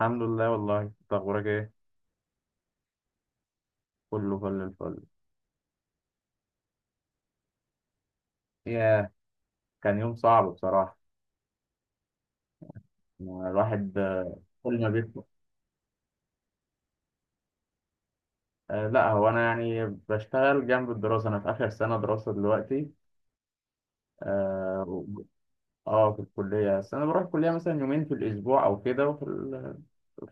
الحمد لله، والله انت اخبارك ايه؟ كله فل الفل. ياه، كان يوم صعب بصراحه. ما الواحد كل ما بيطلع. آه لا هو انا يعني بشتغل جنب الدراسه، انا في اخر سنه دراسه دلوقتي. اه و- في الكليه، بس انا بروح الكليه مثلا يومين في الاسبوع او كده،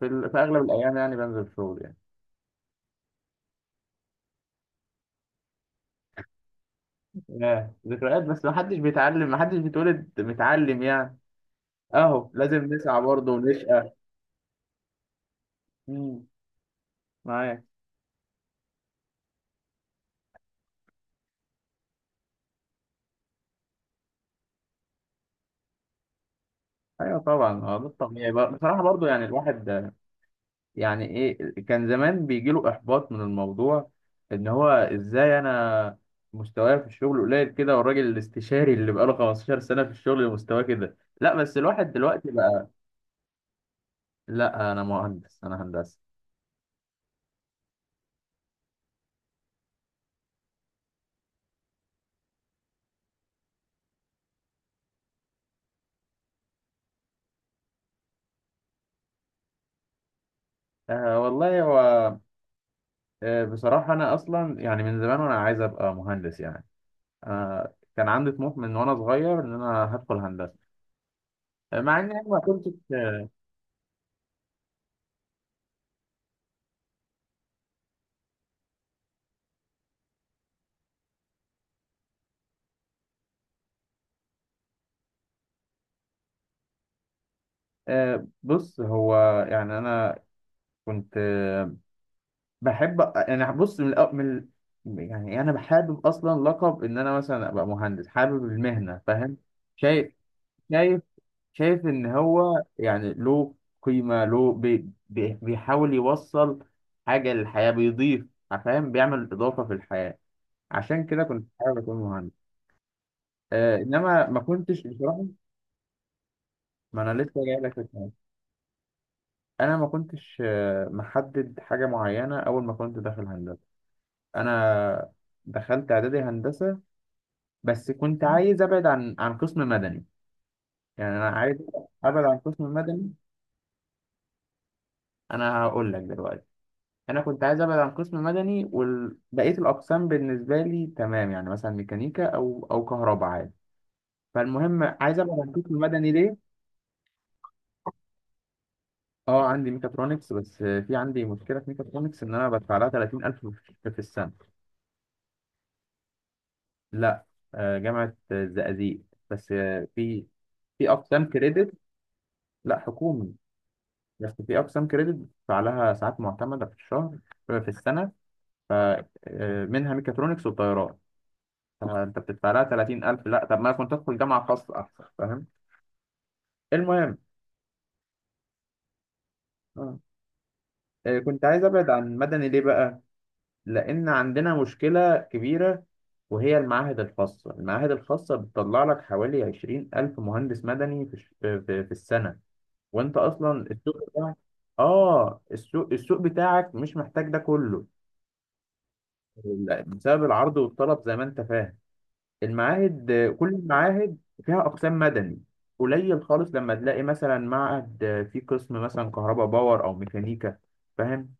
في اغلب الايام يعني بنزل شغل يعني. ياه، ذكريات، بس ما حدش بيتعلم، ما حدش بيتولد متعلم يعني. اهو، لازم نسعى برضه ونشقى. مم، معايا. ايوه طبعا، ده الطبيعي بقى. بصراحه برضو يعني الواحد، يعني ايه، كان زمان بيجيله احباط من الموضوع. ان هو ازاي انا مستواي في الشغل قليل كده، والراجل الاستشاري اللي بقاله 15 سنة في الشغل مستواه كده؟ لا بس الواحد دلوقتي بقى. لا انا مهندس، انا هندسة. آه والله هو، آه بصراحة انا اصلا يعني من زمان وانا عايز ابقى مهندس يعني. آه، كان عندي طموح من وانا صغير ان انا هدخل هندسة. آه، مع اني ما كنتش. آه بص هو، يعني انا كنت بحب، انا بص من, الأ- من ال- يعني انا حابب اصلا لقب ان انا مثلا ابقى مهندس، حابب المهنه، فاهم؟ شايف، شايف، شايف ان هو يعني له قيمه، له بي بي بيحاول يوصل حاجه للحياه، بيضيف، فاهم، بيعمل اضافه في الحياه. عشان كده كنت حابب اكون مهندس. آه انما ما كنتش بصراحه. ما انا لسه جاي لك في الكلام. انا ما كنتش محدد حاجه معينه اول ما كنت داخل هندسه. انا دخلت اعدادي هندسه، بس كنت عايز ابعد عن قسم مدني. يعني انا عايز ابعد عن قسم مدني. انا هقول لك دلوقتي، انا كنت عايز ابعد عن قسم مدني، وبقيه الاقسام بالنسبه لي تمام، يعني مثلا ميكانيكا او كهرباء عادي. فالمهم عايز ابعد عن قسم مدني، ليه؟ اه عندي ميكاترونكس، بس في عندي مشكله في ميكاترونكس ان انا بدفع لها 30000 في السنه. لا، آه، جامعه الزقازيق، بس آه، في اقسام كريدت. لا حكومي، بس في أقسام كريدت بتدفع لها ساعات معتمدة في الشهر، في السنة. ف منها ميكاترونكس وطيران، فأنت بتدفع لها 30000. لا طب ما أنا كنت أدخل جامعة خاصة أحسن، فاهم؟ المهم، آه، كنت عايز أبعد عن مدني ليه بقى؟ لأن عندنا مشكلة كبيرة، وهي المعاهد الخاصة. المعاهد الخاصة بتطلع لك حوالي 20000 مهندس مدني في, الش- آه، في, في السنة، وأنت أصلا السوق بتاعك، آه السوق، بتاعك مش محتاج ده كله. لا، بسبب العرض والطلب زي ما انت فاهم. المعاهد، كل المعاهد فيها اقسام مدني. قليل خالص لما تلاقي مثلا معهد فيه قسم مثلا كهرباء باور او ميكانيكا، فاهم؟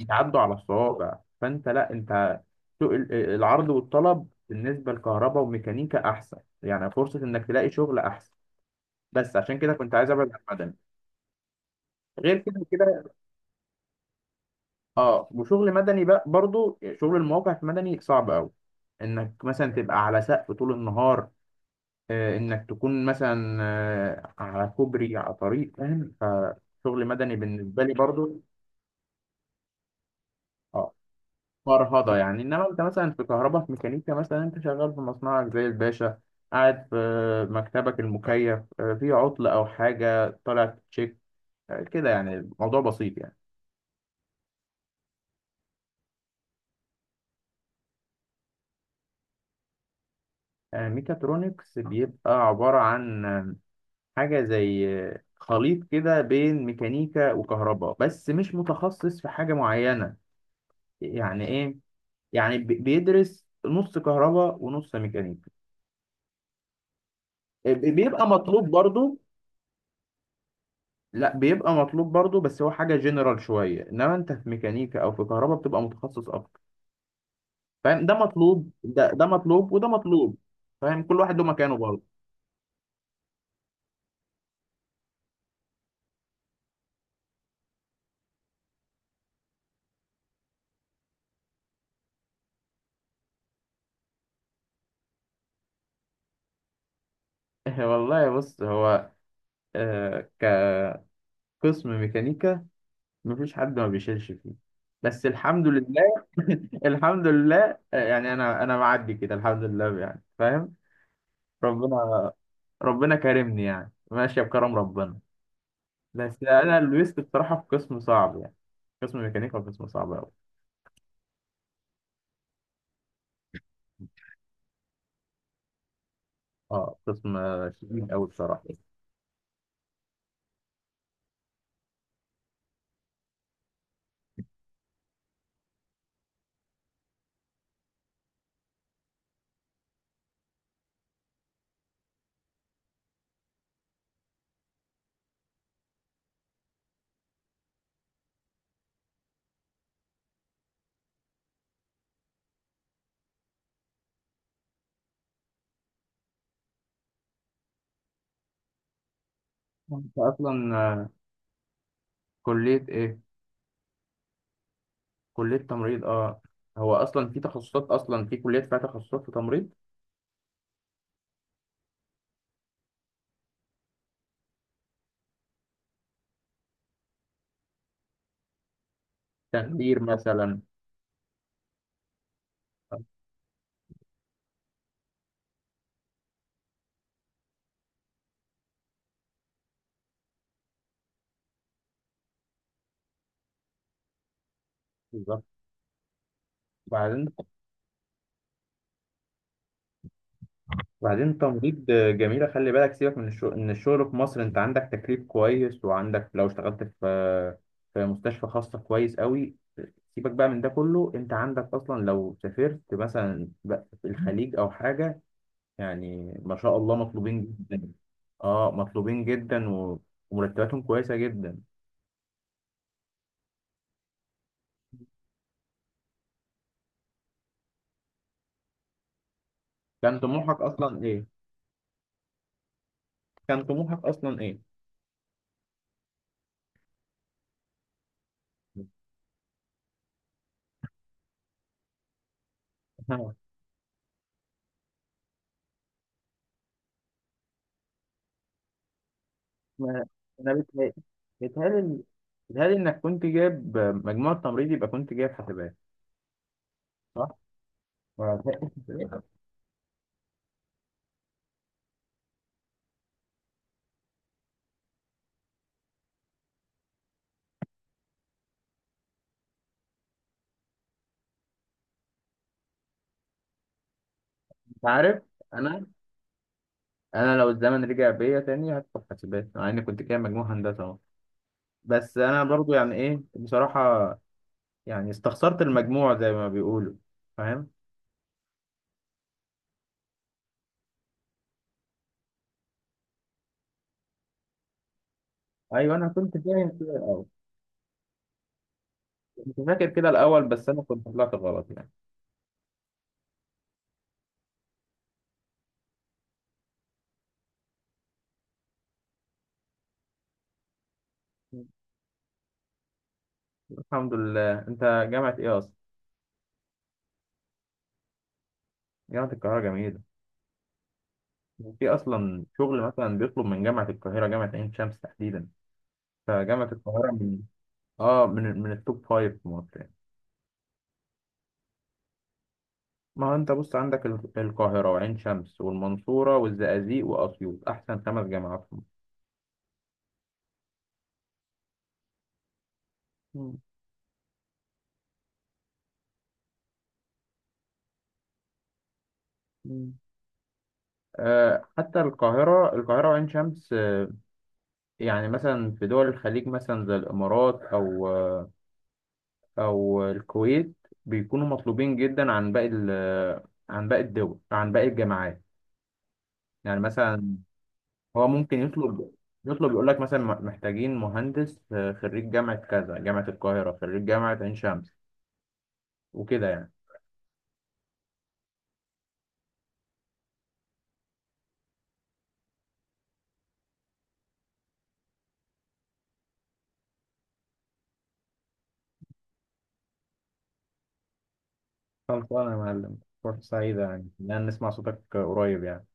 يتعدوا على الصوابع. فانت لا انت، سوق ال- آه، العرض والطلب بالنسبه لكهرباء وميكانيكا احسن، يعني فرصه انك تلاقي شغل احسن. بس عشان كده كنت عايز ابعد عن مدني. غير كده كده، اه وشغل مدني بقى، برضو شغل المواقع في مدني صعب قوي. انك مثلا تبقى على سقف طول النهار، انك تكون مثلا على كوبري، على طريق، فاهم؟ فشغل مدني بالنسبه لي برضو اه فرهضه يعني. انما انت مثلا في كهرباء، في ميكانيكا مثلا، انت شغال في مصنعك زي الباشا، قاعد في مكتبك المكيف، في عطل او حاجه طالع تشيك. كده يعني، الموضوع بسيط يعني. ميكاترونكس بيبقى عباره عن حاجه زي خليط كده بين ميكانيكا وكهرباء، بس مش متخصص في حاجه معينه. يعني ايه؟ يعني بيدرس نص كهرباء ونص ميكانيكا. بيبقى مطلوب برضو. لا بيبقى مطلوب برضو، بس هو حاجة جنرال شوية. انما انت في ميكانيكا او في كهرباء بتبقى متخصص اكتر، فاهم؟ ده مطلوب، ده مطلوب، وده مطلوب. فاهم؟ كل واحد له مكانه برضه. والله بص هو، آه كقسم ميكانيكا مفيش حد ما بيشيلش فيه، بس الحمد لله. الحمد لله، يعني انا معدي كده، الحمد لله يعني، فاهم؟ ربنا، ربنا كرمني يعني، ماشية بكرم ربنا. بس أنا لبست بصراحة في قسم صعب يعني، قسم ميكانيكا قسم صعب أوي. أه قسم شديد أوي بصراحة. أنت أصلا كلية إيه؟ كلية تمريض، أه. هو أصلا في تخصصات، أصلا في كليات فيها تخصصات في تمريض؟ تخدير مثلا. آه، بالظبط. بعدين، وبعدين تمريض جميلة. خلي بالك، سيبك من الشغل، ان الشغل في مصر انت عندك تكليف كويس، وعندك لو اشتغلت في في مستشفى خاصة كويس قوي. سيبك بقى من ده كله، انت عندك اصلا لو سافرت مثلا بقى في الخليج او حاجة، يعني ما شاء الله مطلوبين جدا. اه مطلوبين جدا، ومرتباتهم كويسة جدا. كان طموحك اصلا ايه؟ كان طموحك اصلا ايه؟ ما- انا بتهيألي، بتهيألي، بتهيألي انك كنت جايب مجموع التمريض، يبقى كنت جايب حسابات، صح؟ ولا بتهيألي حسابات؟ انت عارف، انا، انا لو الزمن رجع بيا تاني هدخل حسابات، مع اني كنت جايب مجموع هندسة اهو. بس انا برضو يعني ايه بصراحة، يعني استخسرت المجموع زي ما بيقولوا، فاهم؟ ايوه انا كنت فاهم كده الاول، كنت فاكر كده الاول، بس انا كنت طلعت غلط يعني. الحمد لله. انت جامعة ايه اصلا؟ جامعة القاهرة، جميلة. في اصلا شغل مثلا بيطلب من جامعه القاهره، جامعه عين شمس تحديدا. فجامعه القاهره، اه من التوب فايف في مصر يعني. ما هو انت بص عندك القاهره وعين شمس والمنصوره والزقازيق واسيوط، احسن خمس جامعات في مصر. مم. مم. آه، حتى القاهرة، وعين شمس، آه، يعني مثلا في دول الخليج مثلا زي الإمارات أو آه، أو الكويت، بيكونوا مطلوبين جدا عن عن باقي الدول، عن باقي الجامعات. يعني مثلا هو ممكن يطلب، يطلب يقول لك مثلا محتاجين مهندس خريج جامعة كذا، جامعة القاهرة، خريج جامعة عين شمس، وكده يعني. خلصانة يا معلم، فرصة سعيدة يعني إن أنا نسمع صوتك قريب يعني.